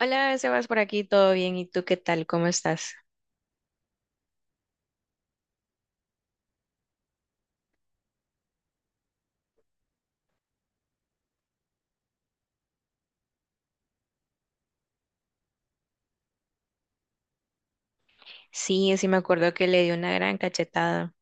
Hola, Sebas, por aquí, ¿todo bien? ¿Y tú qué tal? ¿Cómo estás? Sí, sí me acuerdo que le dio una gran cachetada.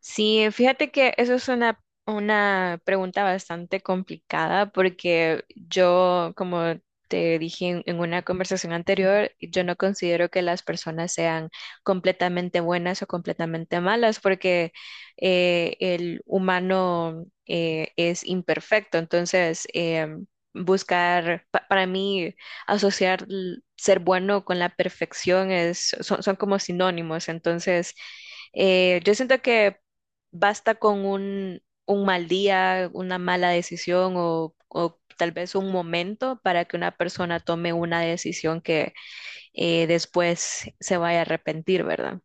Sí, fíjate que eso es una pregunta bastante complicada porque yo, como te dije en una conversación anterior, yo no considero que las personas sean completamente buenas o completamente malas porque el humano es imperfecto. Entonces, buscar, para mí, asociar ser bueno con la perfección es, son como sinónimos. Entonces, yo siento que basta con un mal día, una mala decisión o tal vez un momento para que una persona tome una decisión que después se vaya a arrepentir, ¿verdad?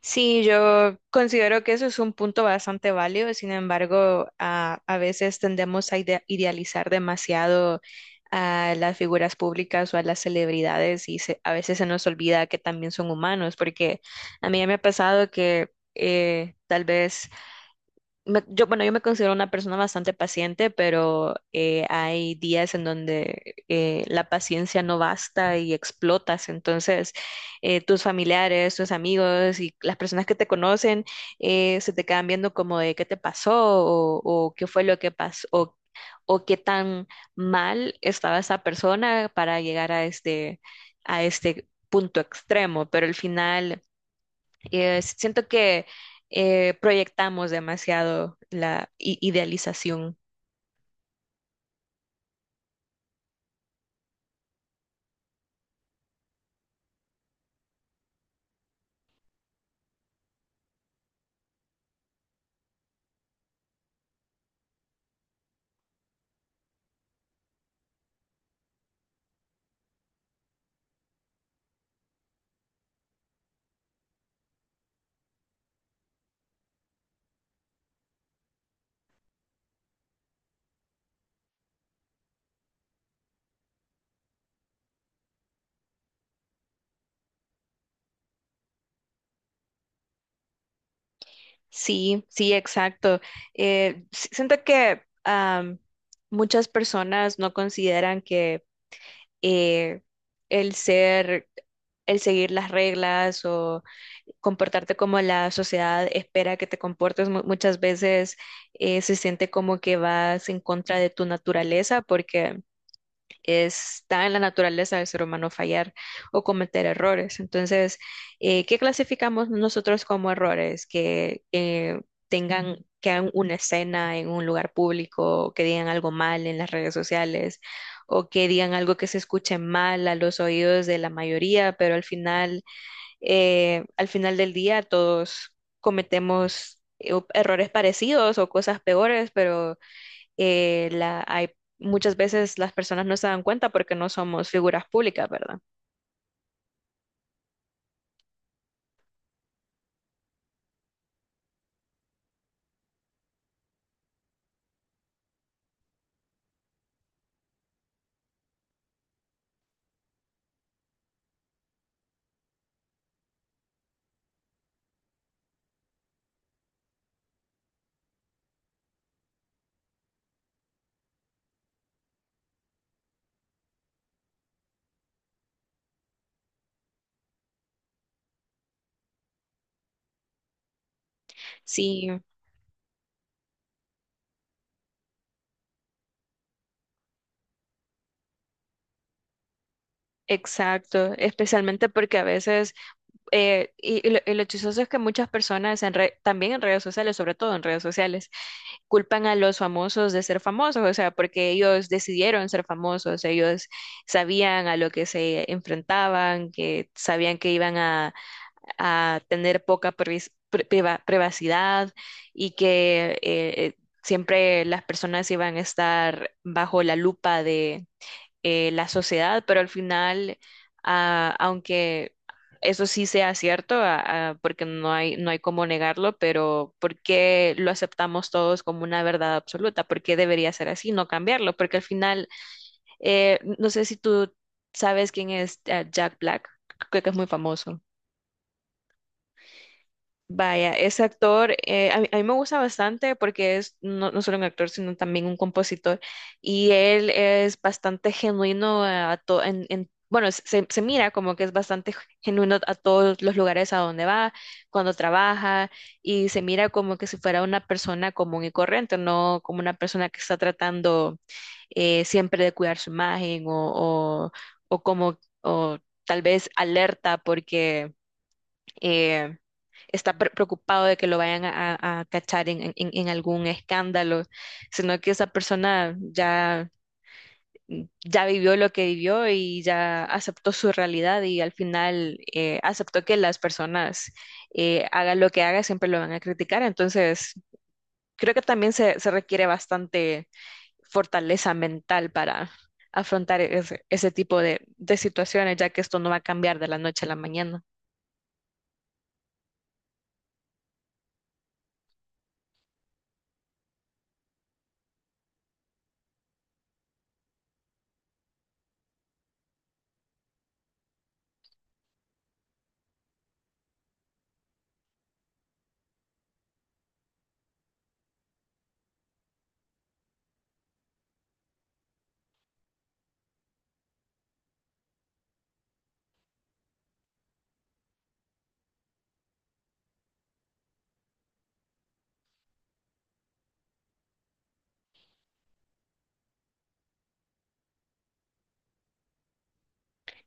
Sí, yo considero que eso es un punto bastante válido, sin embargo, a veces tendemos a idealizar demasiado a las figuras públicas o a las celebridades y, a veces se nos olvida que también son humanos, porque a mí ya me ha pasado que tal vez yo, bueno, yo me considero una persona bastante paciente, pero hay días en donde la paciencia no basta y explotas. Entonces, tus familiares, tus amigos y las personas que te conocen se te quedan viendo como de qué te pasó o qué fue lo que pasó o qué tan mal estaba esa persona para llegar a a este punto extremo. Pero al final si, siento que proyectamos demasiado la idealización. Sí, sí, exacto. Siento que muchas personas no consideran que eh, el ser, el seguir las reglas o comportarte como la sociedad espera que te comportes muchas veces se siente como que vas en contra de tu naturaleza porque está en la naturaleza del ser humano fallar o cometer errores. Entonces, ¿qué clasificamos nosotros como errores? Que que hagan una escena en un lugar público, o que digan algo mal en las redes sociales, o que digan algo que se escuche mal a los oídos de la mayoría, pero al final del día todos cometemos errores parecidos o cosas peores, pero eh, la, hay, muchas veces las personas no se dan cuenta porque no somos figuras públicas, ¿verdad? Sí, exacto, especialmente porque a veces, y lo chistoso es que muchas personas en también en redes sociales, sobre todo en redes sociales, culpan a los famosos de ser famosos, o sea, porque ellos decidieron ser famosos, ellos sabían a lo que se enfrentaban, que sabían que iban a tener poca privacidad y que siempre las personas iban a estar bajo la lupa de la sociedad, pero al final, aunque eso sí sea cierto, porque no hay cómo negarlo, pero ¿por qué lo aceptamos todos como una verdad absoluta? ¿Por qué debería ser así, no cambiarlo? Porque al final, no sé si tú sabes quién es Jack Black, creo que es muy famoso. Vaya, ese actor, a mí me gusta bastante porque es no solo un actor, sino también un compositor. Y él es bastante genuino a to- en- bueno, se mira como que es bastante genuino a todos los lugares a donde va, cuando trabaja, y se mira como que si fuera una persona común y corriente, no como una persona que está tratando siempre de cuidar su imagen o tal vez alerta porque eh, está preocupado de que lo vayan a cachar en algún escándalo, sino que esa persona ya vivió lo que vivió y ya aceptó su realidad y al final aceptó que las personas hagan lo que hagan, siempre lo van a criticar. Entonces, creo que también se requiere bastante fortaleza mental para afrontar ese tipo de situaciones, ya que esto no va a cambiar de la noche a la mañana.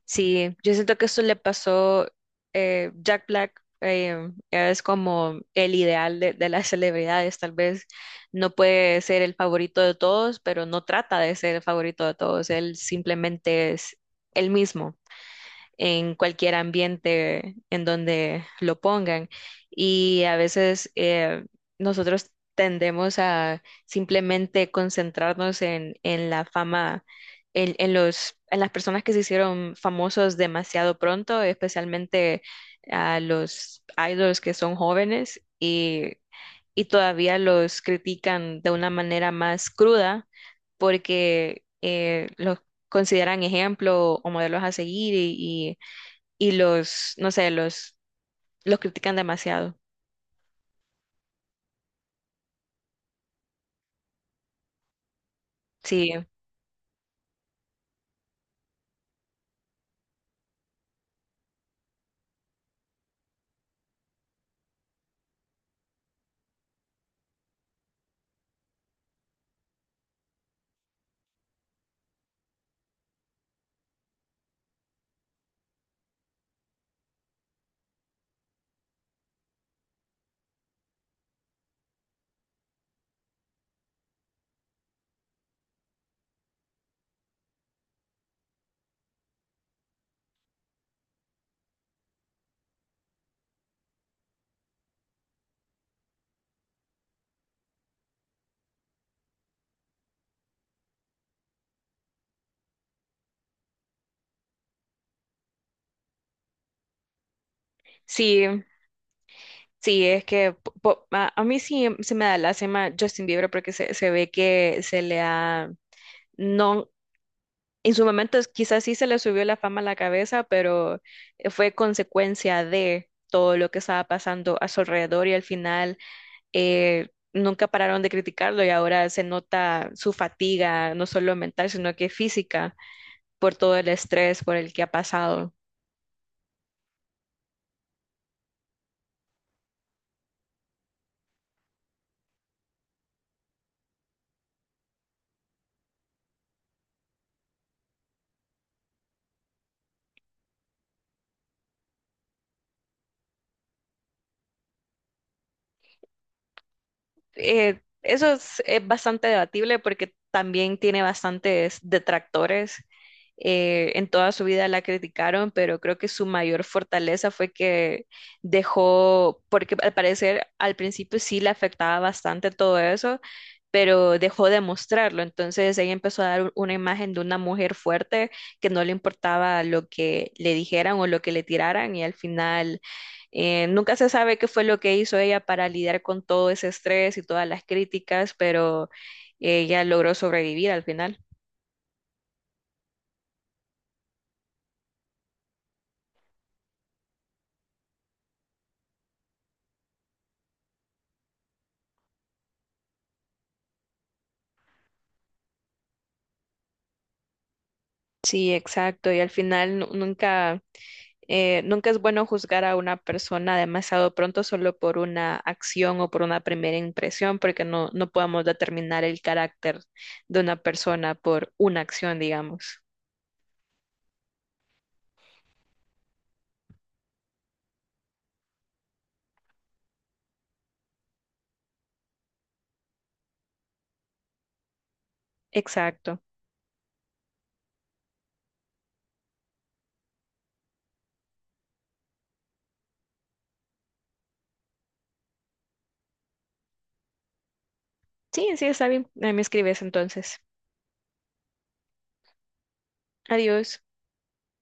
Sí, yo siento que eso le pasó, Jack Black es como el ideal de las celebridades, tal vez no puede ser el favorito de todos, pero no trata de ser el favorito de todos, él simplemente es el mismo en cualquier ambiente en donde lo pongan. Y a veces nosotros tendemos a simplemente concentrarnos en la fama, en las personas que se hicieron famosos demasiado pronto, especialmente a los idols que son jóvenes y todavía los critican de una manera más cruda porque los consideran ejemplo o modelos a seguir y los, no sé, los critican demasiado. Sí, sí, sí, es que a mí sí se me da lástima Justin Bieber porque se ve que se le ha, no, en su momento quizás sí se le subió la fama a la cabeza, pero fue consecuencia de todo lo que estaba pasando a su alrededor y al final nunca pararon de criticarlo y ahora se nota su fatiga, no solo mental, sino que física, por todo el estrés por el que ha pasado. Eso es bastante debatible porque también tiene bastantes detractores. En toda su vida la criticaron, pero creo que su mayor fortaleza fue que dejó, porque al parecer al principio sí le afectaba bastante todo eso, pero dejó de mostrarlo. Entonces ella empezó a dar una imagen de una mujer fuerte que no le importaba lo que le dijeran o lo que le tiraran y al final nunca se sabe qué fue lo que hizo ella para lidiar con todo ese estrés y todas las críticas, pero ella logró sobrevivir al final. Sí, exacto. Y al final nunca, nunca es bueno juzgar a una persona demasiado pronto solo por una acción o por una primera impresión, porque no, no podemos determinar el carácter de una persona por una acción, digamos. Exacto. Sí, sí, está bien. Ahí me escribes entonces. Adiós.